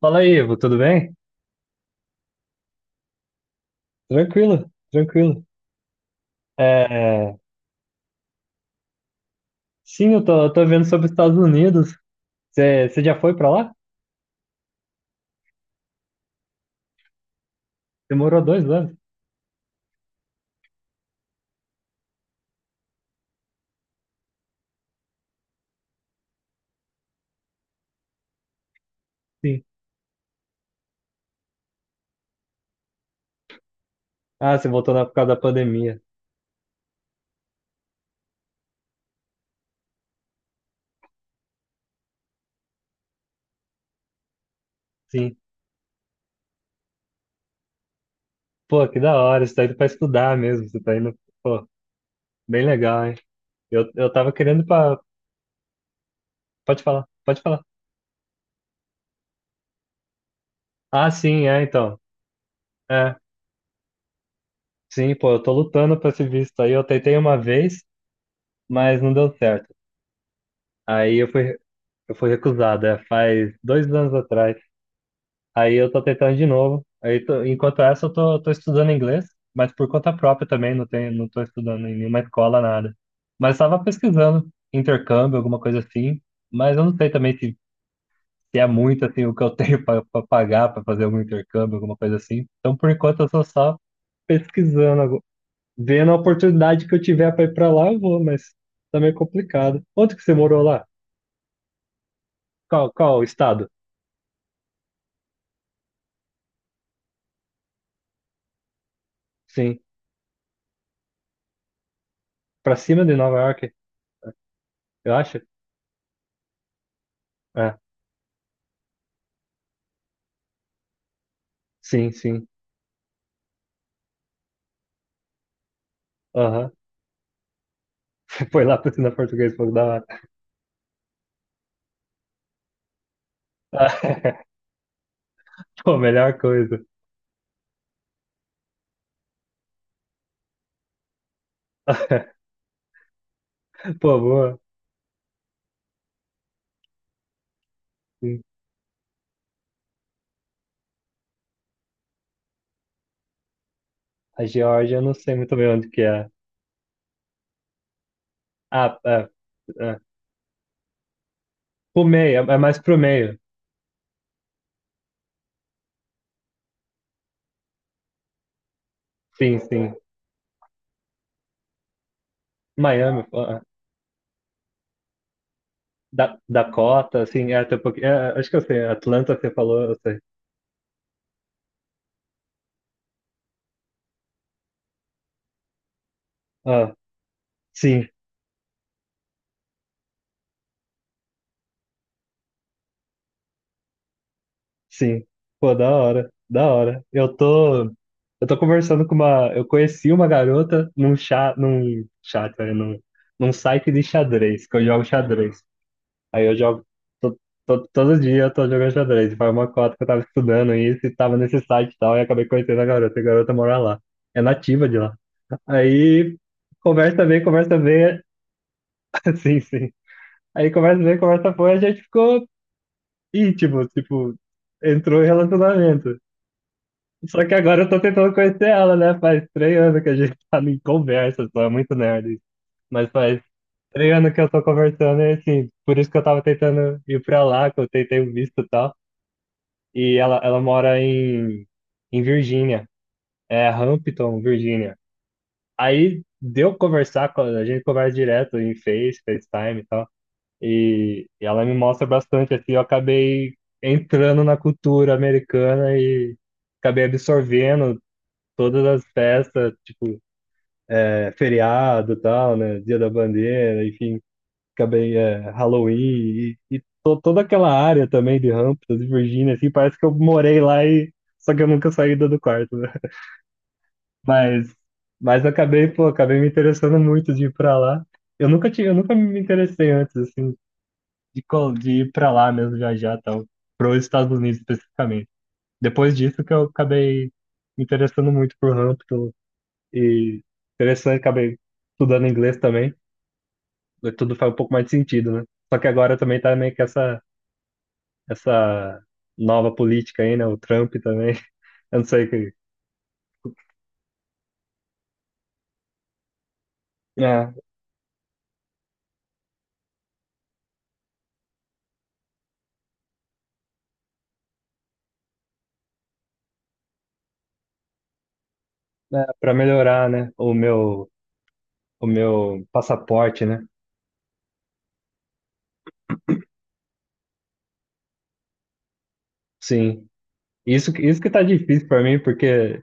Fala aí, Ivo, tudo bem? Tranquilo, tranquilo. É, sim, eu tô vendo sobre os Estados Unidos. Você já foi pra lá? Você morou 2 anos? Sim. Ah, você voltou na, por causa da pandemia. Sim. Pô, que da hora, você tá indo pra estudar mesmo. Você tá indo. Pô, bem legal, hein? Eu tava querendo pra. Pode falar, pode falar. Ah, sim, é, então. É, sim, pô, eu tô lutando pra esse visto aí. Eu tentei uma vez, mas não deu certo. Aí eu fui, eu fui recusado, é, faz 2 anos atrás. Aí eu tô tentando de novo. Enquanto essa, tô estudando inglês, mas por conta própria também, não tô estudando em nenhuma escola, nada. Mas estava pesquisando intercâmbio, alguma coisa assim, mas eu não sei também se é muito assim o que eu tenho para pagar para fazer algum intercâmbio, alguma coisa assim. Então, por enquanto, eu tô só pesquisando, vendo a oportunidade que eu tiver para ir para lá, eu vou, mas tá meio complicado. Onde que você morou lá? Qual estado? Sim, para cima de Nova York, eu acho. É, sim, sim. Aham. Foi lá pra ensinar português, pô, da hora. Pô, melhor coisa. Pô, boa. Sim. A Geórgia, eu não sei muito bem onde que é. Ah, é, é. Pro meio, é mais pro meio. Sim, sim. Miami, pô, é. Da, Dakota, assim, é até um pouquinho. É, é, acho que eu sei. Atlanta, você falou, eu sei. Ah, sim, sim. Pô, da hora, da hora. Eu tô conversando com uma. Eu conheci uma garota num chat, num site de xadrez, que eu jogo xadrez. Aí eu jogo to, to, Todo dia eu tô jogando xadrez. Foi uma cota que eu tava estudando isso e tava nesse site e tal, e acabei conhecendo a garota. E a garota mora lá. É nativa de lá. Aí conversa bem, conversa bem. Sim, sim. Aí conversa bem, conversa foi, a gente ficou íntimo, tipo, entrou em relacionamento. Só que agora eu tô tentando conhecer ela, né? Faz 3 anos que a gente tá em conversa, só é muito nerd. Mas faz 3 anos que eu tô conversando e assim, por isso que eu tava tentando ir pra lá, que eu tentei o visto e tal. E ela mora em, em Virgínia, é Hampton, Virgínia. Aí deu conversar, a gente conversa direto em Face, FaceTime e tal. E ela me mostra bastante, assim, eu acabei entrando na cultura americana e acabei absorvendo todas as festas, tipo, é, feriado e tal, né? Dia da Bandeira, enfim acabei é, Halloween e toda aquela área também de Hamptons e Virgínia, assim, parece que eu morei lá e só que eu nunca saí do quarto, né? Mas, mas eu acabei, pô, acabei me interessando muito de ir pra lá. Eu nunca tinha, eu nunca me interessei antes, assim, de ir pra lá mesmo, viajar e tal, pros Estados Unidos especificamente. Depois disso que eu acabei me interessando muito por Hampton e interessante, acabei estudando inglês também, tudo faz um pouco mais de sentido, né? Só que agora também tá meio que essa nova política aí, né? O Trump também. Eu não sei o que. É, né, para melhorar, né? O meu passaporte, né? Sim. Isso, isso que tá difícil para mim, porque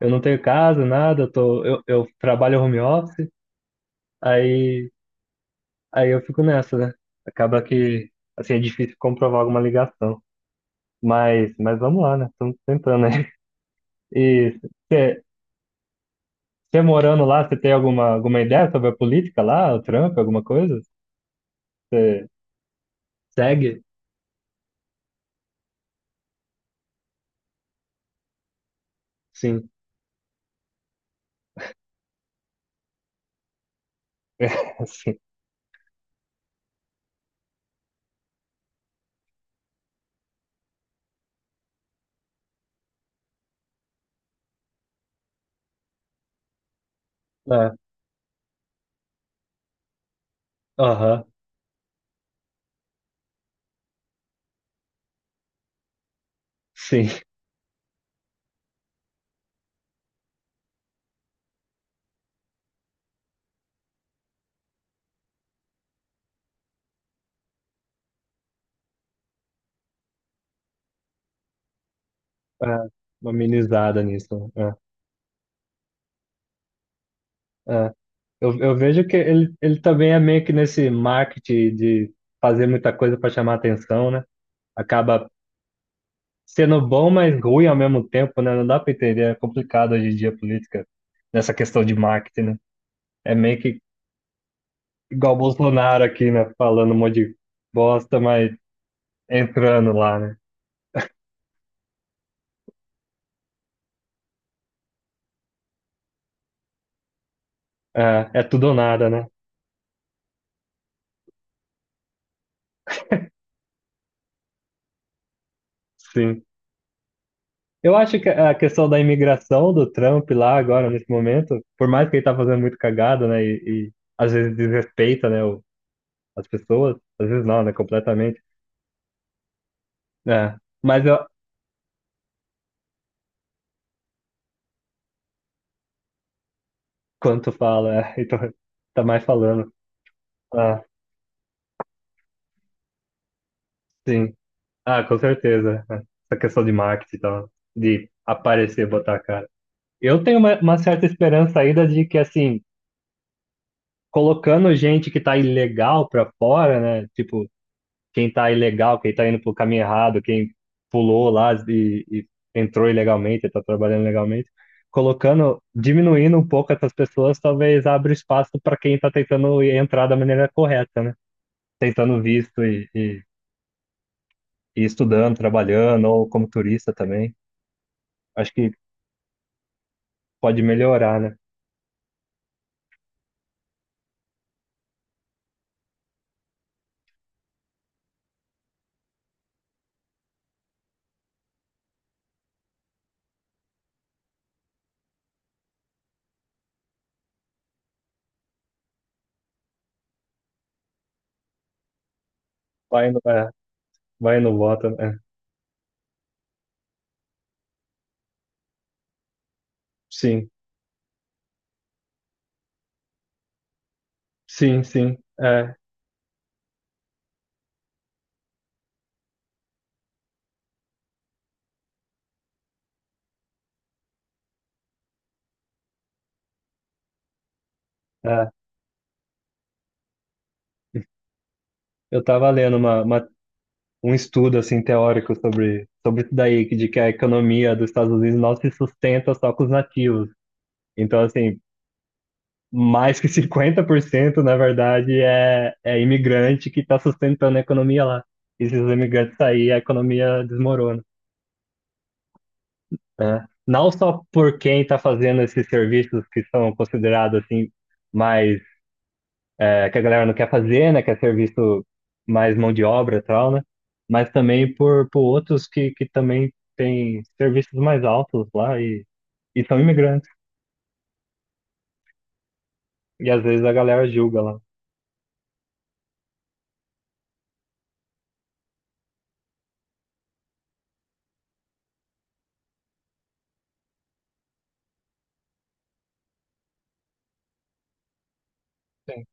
eu não tenho casa, nada, eu trabalho home office, aí, aí eu fico nessa, né? Acaba que, assim, é difícil comprovar alguma ligação. Mas vamos lá, né? Estamos tentando, né? E você morando lá, você tem alguma, alguma ideia sobre a política lá, o Trump, alguma coisa? Segue? Sim. Sim. É. Aham. Sim. É. Uma amenizada nisso, né? É. É. Eu vejo que ele também é meio que nesse marketing de fazer muita coisa para chamar atenção, né? Acaba sendo bom, mas ruim ao mesmo tempo, né? Não dá para entender. É complicado hoje em dia a política nessa questão de marketing, né? É meio que igual o Bolsonaro aqui, né? Falando um monte de bosta, mas entrando lá, né? É, é tudo ou nada, né? Sim. Eu acho que a questão da imigração do Trump lá agora, nesse momento, por mais que ele tá fazendo muito cagada, né, às vezes desrespeita, né, as pessoas, às vezes não, né, completamente, né, mas eu, quando fala, é, então, tá mais falando, ah, sim, ah, com certeza, né, essa questão de marketing e tal, de aparecer, botar a cara. Eu tenho uma certa esperança ainda de que, assim, colocando gente que tá ilegal pra fora, né, tipo, quem tá ilegal, quem tá indo pro caminho errado, quem pulou lá e entrou ilegalmente, tá trabalhando ilegalmente, colocando, diminuindo um pouco essas pessoas, talvez abra espaço para quem tá tentando entrar da maneira correta, né? Tentando visto e estudando, trabalhando, ou como turista também. Acho que pode melhorar, né? Vai no, é, vai no voto, é. Sim, sim, sim. É, é. Eu tava lendo uma um estudo assim teórico sobre isso daí, de que a economia dos Estados Unidos não se sustenta só com os nativos. Então, assim, mais que 50% na verdade, é imigrante que está sustentando a economia lá. E se os imigrantes saírem, a economia desmorona, né? Não só por quem está fazendo esses serviços que são considerados assim mais é, que a galera não quer fazer, né? Quer ser visto mais mão de obra e tal, né? Mas também por outros que também têm serviços mais altos lá e são imigrantes. E às vezes a galera julga lá. Sim.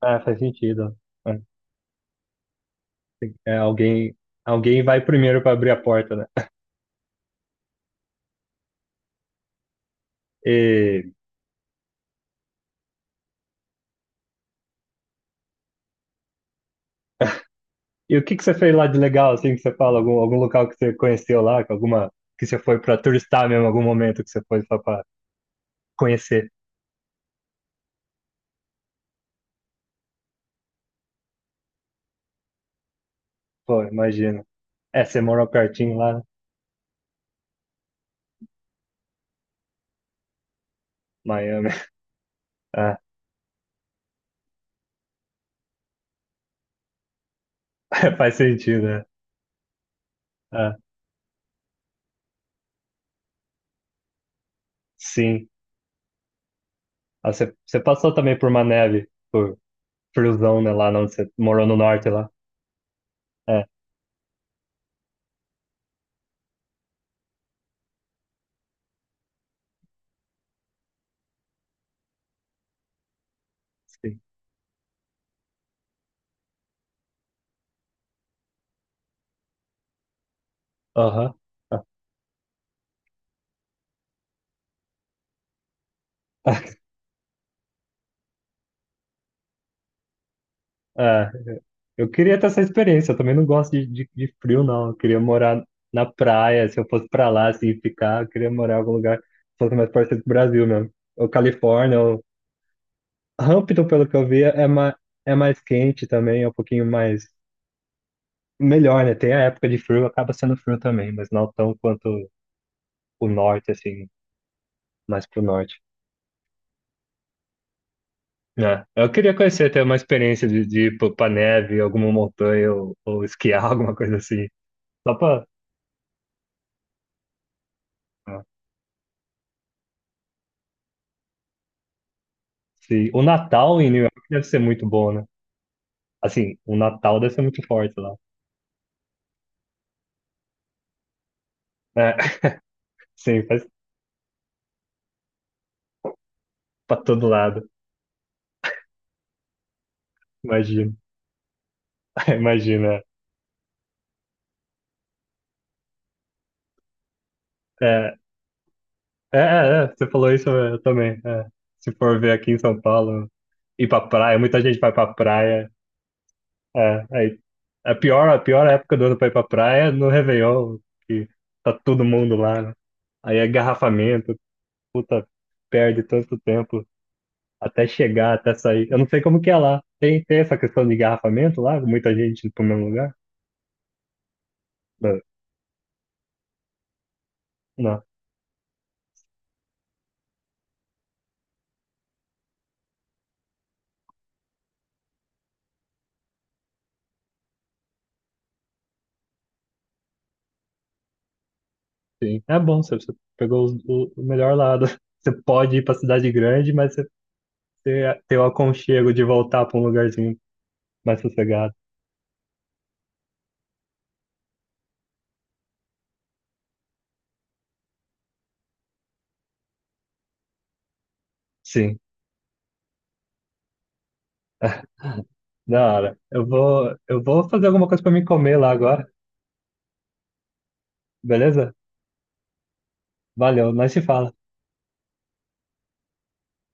Ah, faz sentido. É, alguém, alguém vai primeiro para abrir a porta, né? E, e o que que você fez lá de legal, assim, que você fala? Algum, algum local que você conheceu lá, que alguma que você foi para turistar mesmo, algum momento que você foi só para conhecer? Pô, imagina. É, você morou pertinho lá, né? Miami. É, faz sentido, né? É, sim. Ah, você você passou também por uma neve, por friozão, né? Lá onde você morou no norte lá. É, sim. Aham. É, eu queria ter essa experiência. Eu também não gosto de frio, não. Eu queria morar na praia. Se eu fosse pra lá, assim, ficar, eu queria morar em algum lugar que fosse mais parecido com o Brasil mesmo. Ou Califórnia, ou Hampton, pelo que eu vi, é mais quente também, é um pouquinho mais. Melhor, né? Tem a época de frio, acaba sendo frio também, mas não tão quanto o norte, assim, mais pro norte. É. Eu queria conhecer, ter uma experiência de ir pra neve, alguma montanha, ou esquiar, alguma coisa assim. Só pra. É. Se... O Natal em New York deve ser muito bom, né? Assim, o Natal deve ser muito forte lá. É. Sim, faz pra todo lado. Imagina, imagina. É, você falou isso eu também. É. Se for ver aqui em São Paulo, ir pra praia, muita gente vai pra praia. É, aí, a pior época do ano pra ir pra praia é no Réveillon, que tá todo mundo lá, né? Aí é garrafamento, puta, perde tanto tempo até chegar, até sair. Eu não sei como que é lá. Tem, tem essa questão de garrafamento lá? Muita gente pro mesmo lugar? Não, não, sim. É bom, você pegou o melhor lado. Você pode ir pra cidade grande, mas você tem o aconchego de voltar pra um lugarzinho mais sossegado. Sim, da hora. Eu vou fazer alguma coisa pra mim comer lá agora. Beleza? Valeu, nós se fala.